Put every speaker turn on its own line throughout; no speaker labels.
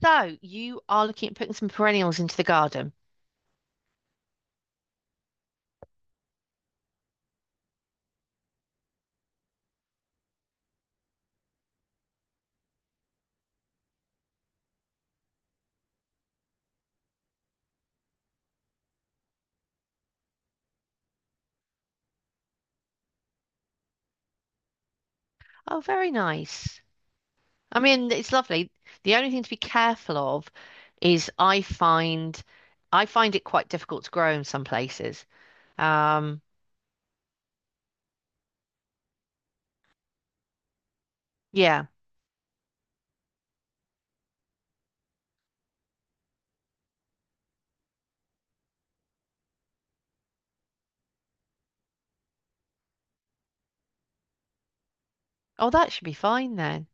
So you are looking at putting some perennials into the garden. Oh, very nice. I mean, it's lovely. The only thing to be careful of is I find it quite difficult to grow in some places. Um, yeah. Oh, that should be fine then.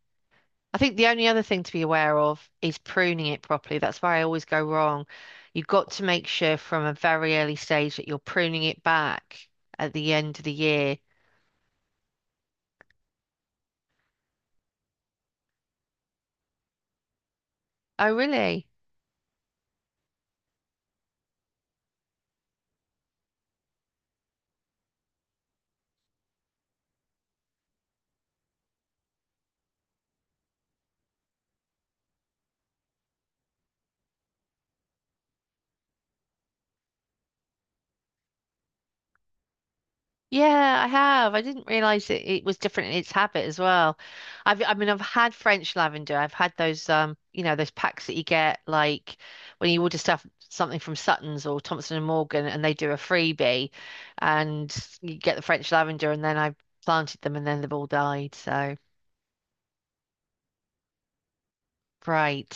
I think the only other thing to be aware of is pruning it properly. That's where I always go wrong. You've got to make sure from a very early stage that you're pruning it back at the end of the year. Oh, really? Yeah, I have. I didn't realize it was different in its habit as well. I mean, I've had French lavender. I've had those, those packs that you get like when you order stuff, something from Suttons or Thompson and Morgan, and they do a freebie, and you get the French lavender, and then I planted them, and then they've all died. So right.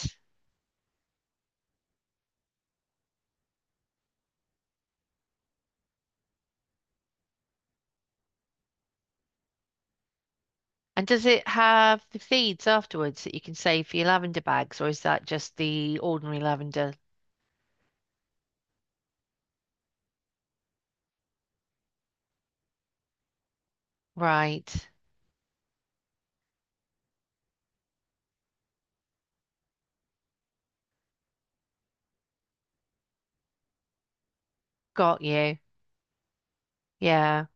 And does it have the seeds afterwards that you can save for your lavender bags, or is that just the ordinary lavender? Right, got you. Yeah.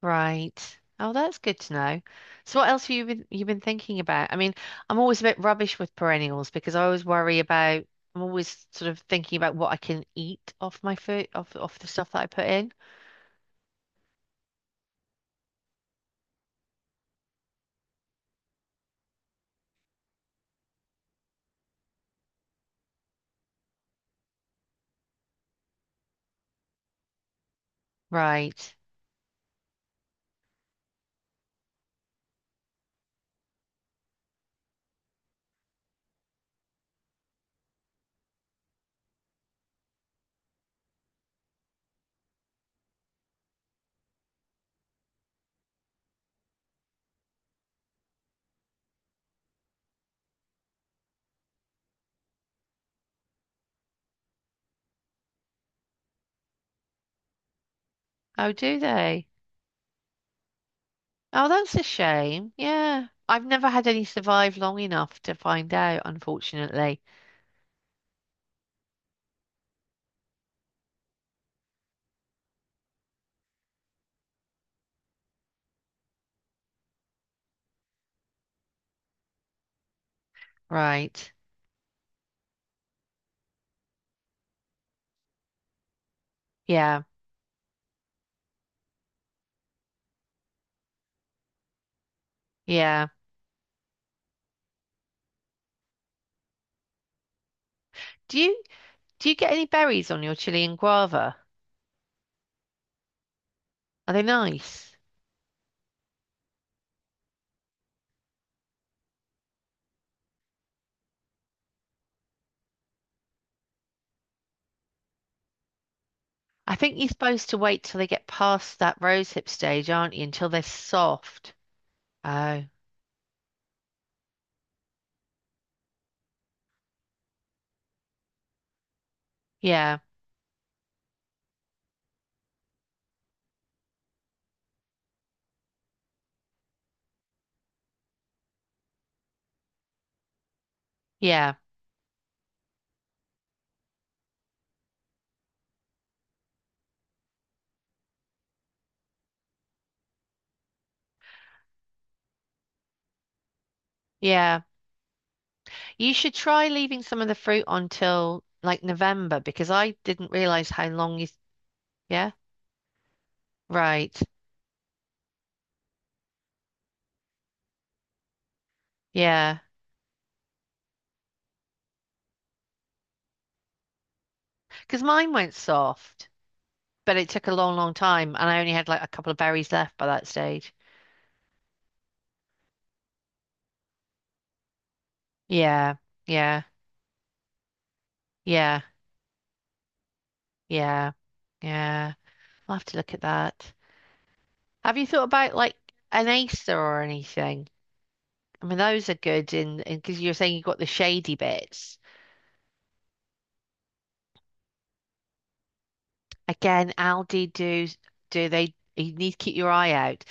Right. Oh, that's good to know. So what else have you've been thinking about? I mean, I'm always a bit rubbish with perennials because I'm always sort of thinking about what I can eat off my food off the stuff that I put in. Right. Oh, do they? Oh, that's a shame. Yeah. I've never had any survive long enough to find out, unfortunately. Right. Yeah. Yeah. Do you do you get any berries on your chili and guava? Are they nice? I think you're supposed to wait till they get past that rose hip stage, aren't you? Until they're soft. Oh, yeah, yeah, yeah. You should try leaving some of the fruit until like November because I didn't realize how long you. Yeah, right. Yeah, because mine went soft, but it took a long, long time, and I only had like a couple of berries left by that stage. Yeah, yeah, yeah, yeah, yeah. I'll have to look at that. Have you thought about like an Acer or anything? I mean, those are good in because you're saying you got the shady bits. Again, Aldi do. Do they, you need to keep your eye out.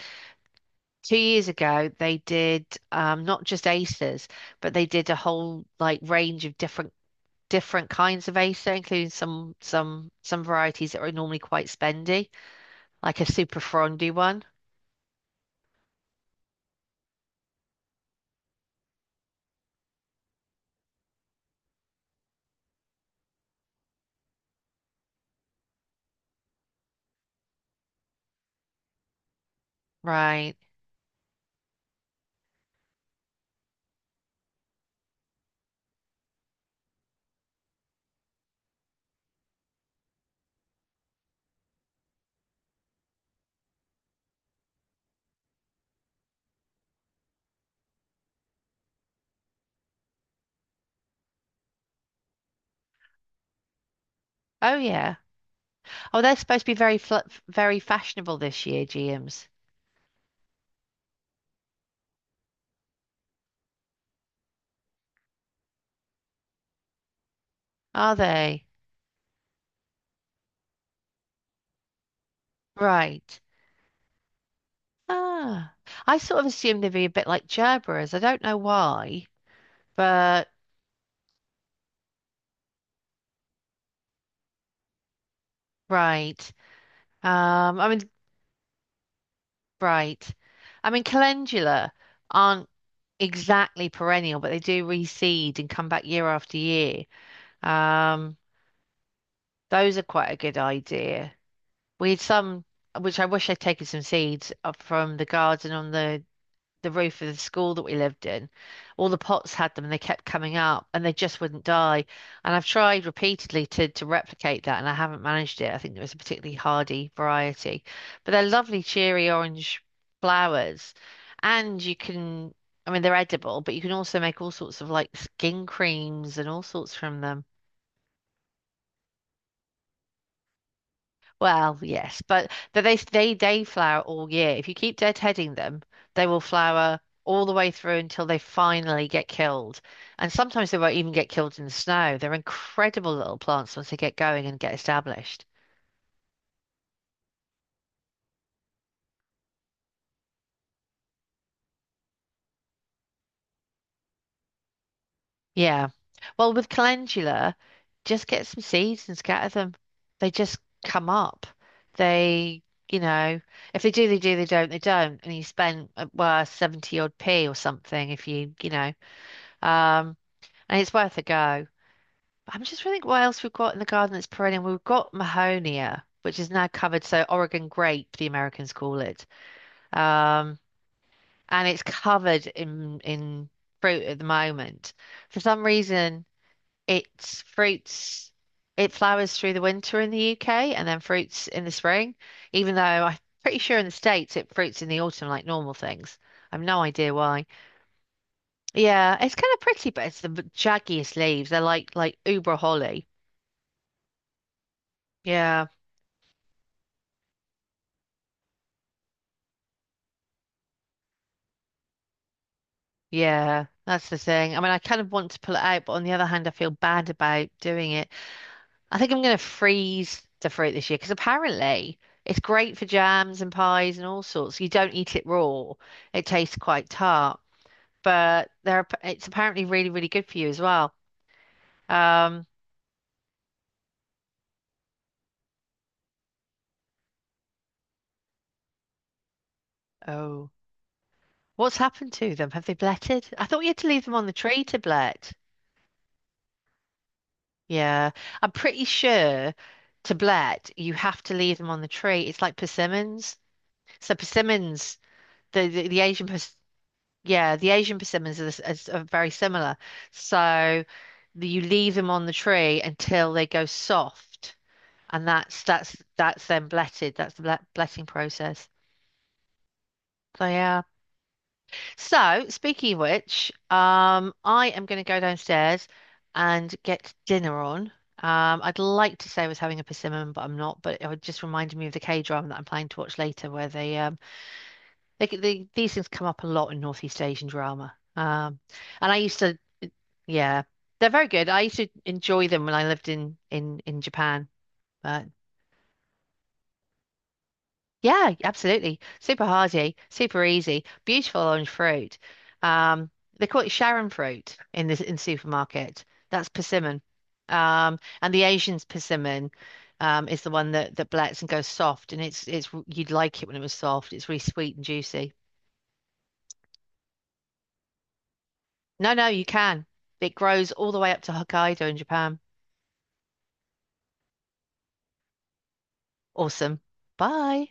Two years ago, they did not just aces, but they did a whole like range of different kinds of acer, including some varieties that are normally quite spendy, like a super frondy one. Right. Oh yeah. Oh, they're supposed to be very fashionable this year, GMs. Are they? Right. Ah, I sort of assume they'd be a bit like Gerberas. I don't know why, but right. Um, I mean, right. I mean, calendula aren't exactly perennial, but they do reseed and come back year after year. Um, those are quite a good idea. We had some, which I wish I'd taken some seeds up from the garden on the roof of the school that we lived in. All the pots had them and they kept coming up and they just wouldn't die. And I've tried repeatedly to replicate that and I haven't managed it. I think it was a particularly hardy variety. But they're lovely, cheery orange flowers. And you can, I mean, they're edible, but you can also make all sorts of like skin creams and all sorts from them. Well, yes, but they flower all year. If you keep deadheading them, they will flower all the way through until they finally get killed. And sometimes they won't even get killed in the snow. They're incredible little plants once they get going and get established. Yeah. Well, with calendula, just get some seeds and scatter them. They just come up. They, you know, if they do, they do, they don't, they don't. And you spend, well, 70 odd p or something if um, and it's worth a go. I'm just trying to think what else we've got in the garden that's perennial. We've got Mahonia, which is now covered, so Oregon grape, the Americans call it. Um, and it's covered in fruit at the moment. For some reason, it's fruits it flowers through the winter in the UK and then fruits in the spring, even though I'm pretty sure in the States it fruits in the autumn like normal things. I've no idea why. Yeah, it's kind of pretty, but it's the jaggiest leaves. They're like Uber holly. Yeah. Yeah, that's the thing. I mean, I kind of want to pull it out, but on the other hand, I feel bad about doing it. I think I'm going to freeze the fruit this year because apparently it's great for jams and pies and all sorts. You don't eat it raw; it tastes quite tart, but it's apparently really, really good for you as well. Um, oh, what's happened to them? Have they bletted? I thought you had to leave them on the tree to blet. Yeah, I'm pretty sure to blet you have to leave them on the tree. It's like persimmons. So persimmons the Asian pers yeah, the Asian persimmons are, the s- are very similar. So you leave them on the tree until they go soft, and that's then bletted. That's the bletting process. So yeah. So speaking of which, I am going to go downstairs and get dinner on. I'd like to say I was having a persimmon, but I'm not. But it just reminded me of the K-drama that I'm planning to watch later, where they these things come up a lot in Northeast Asian drama. And I used to, yeah, they're very good. I used to enjoy them when I lived in Japan. But yeah, absolutely, super hearty, super easy, beautiful orange fruit. Um, they call it Sharon fruit in the in supermarket. That's persimmon. And the Asian's persimmon is the one that blets and goes soft, and it's you'd like it when it was soft. It's really sweet and juicy. No, no, you can. It grows all the way up to Hokkaido in Japan. Awesome. Bye.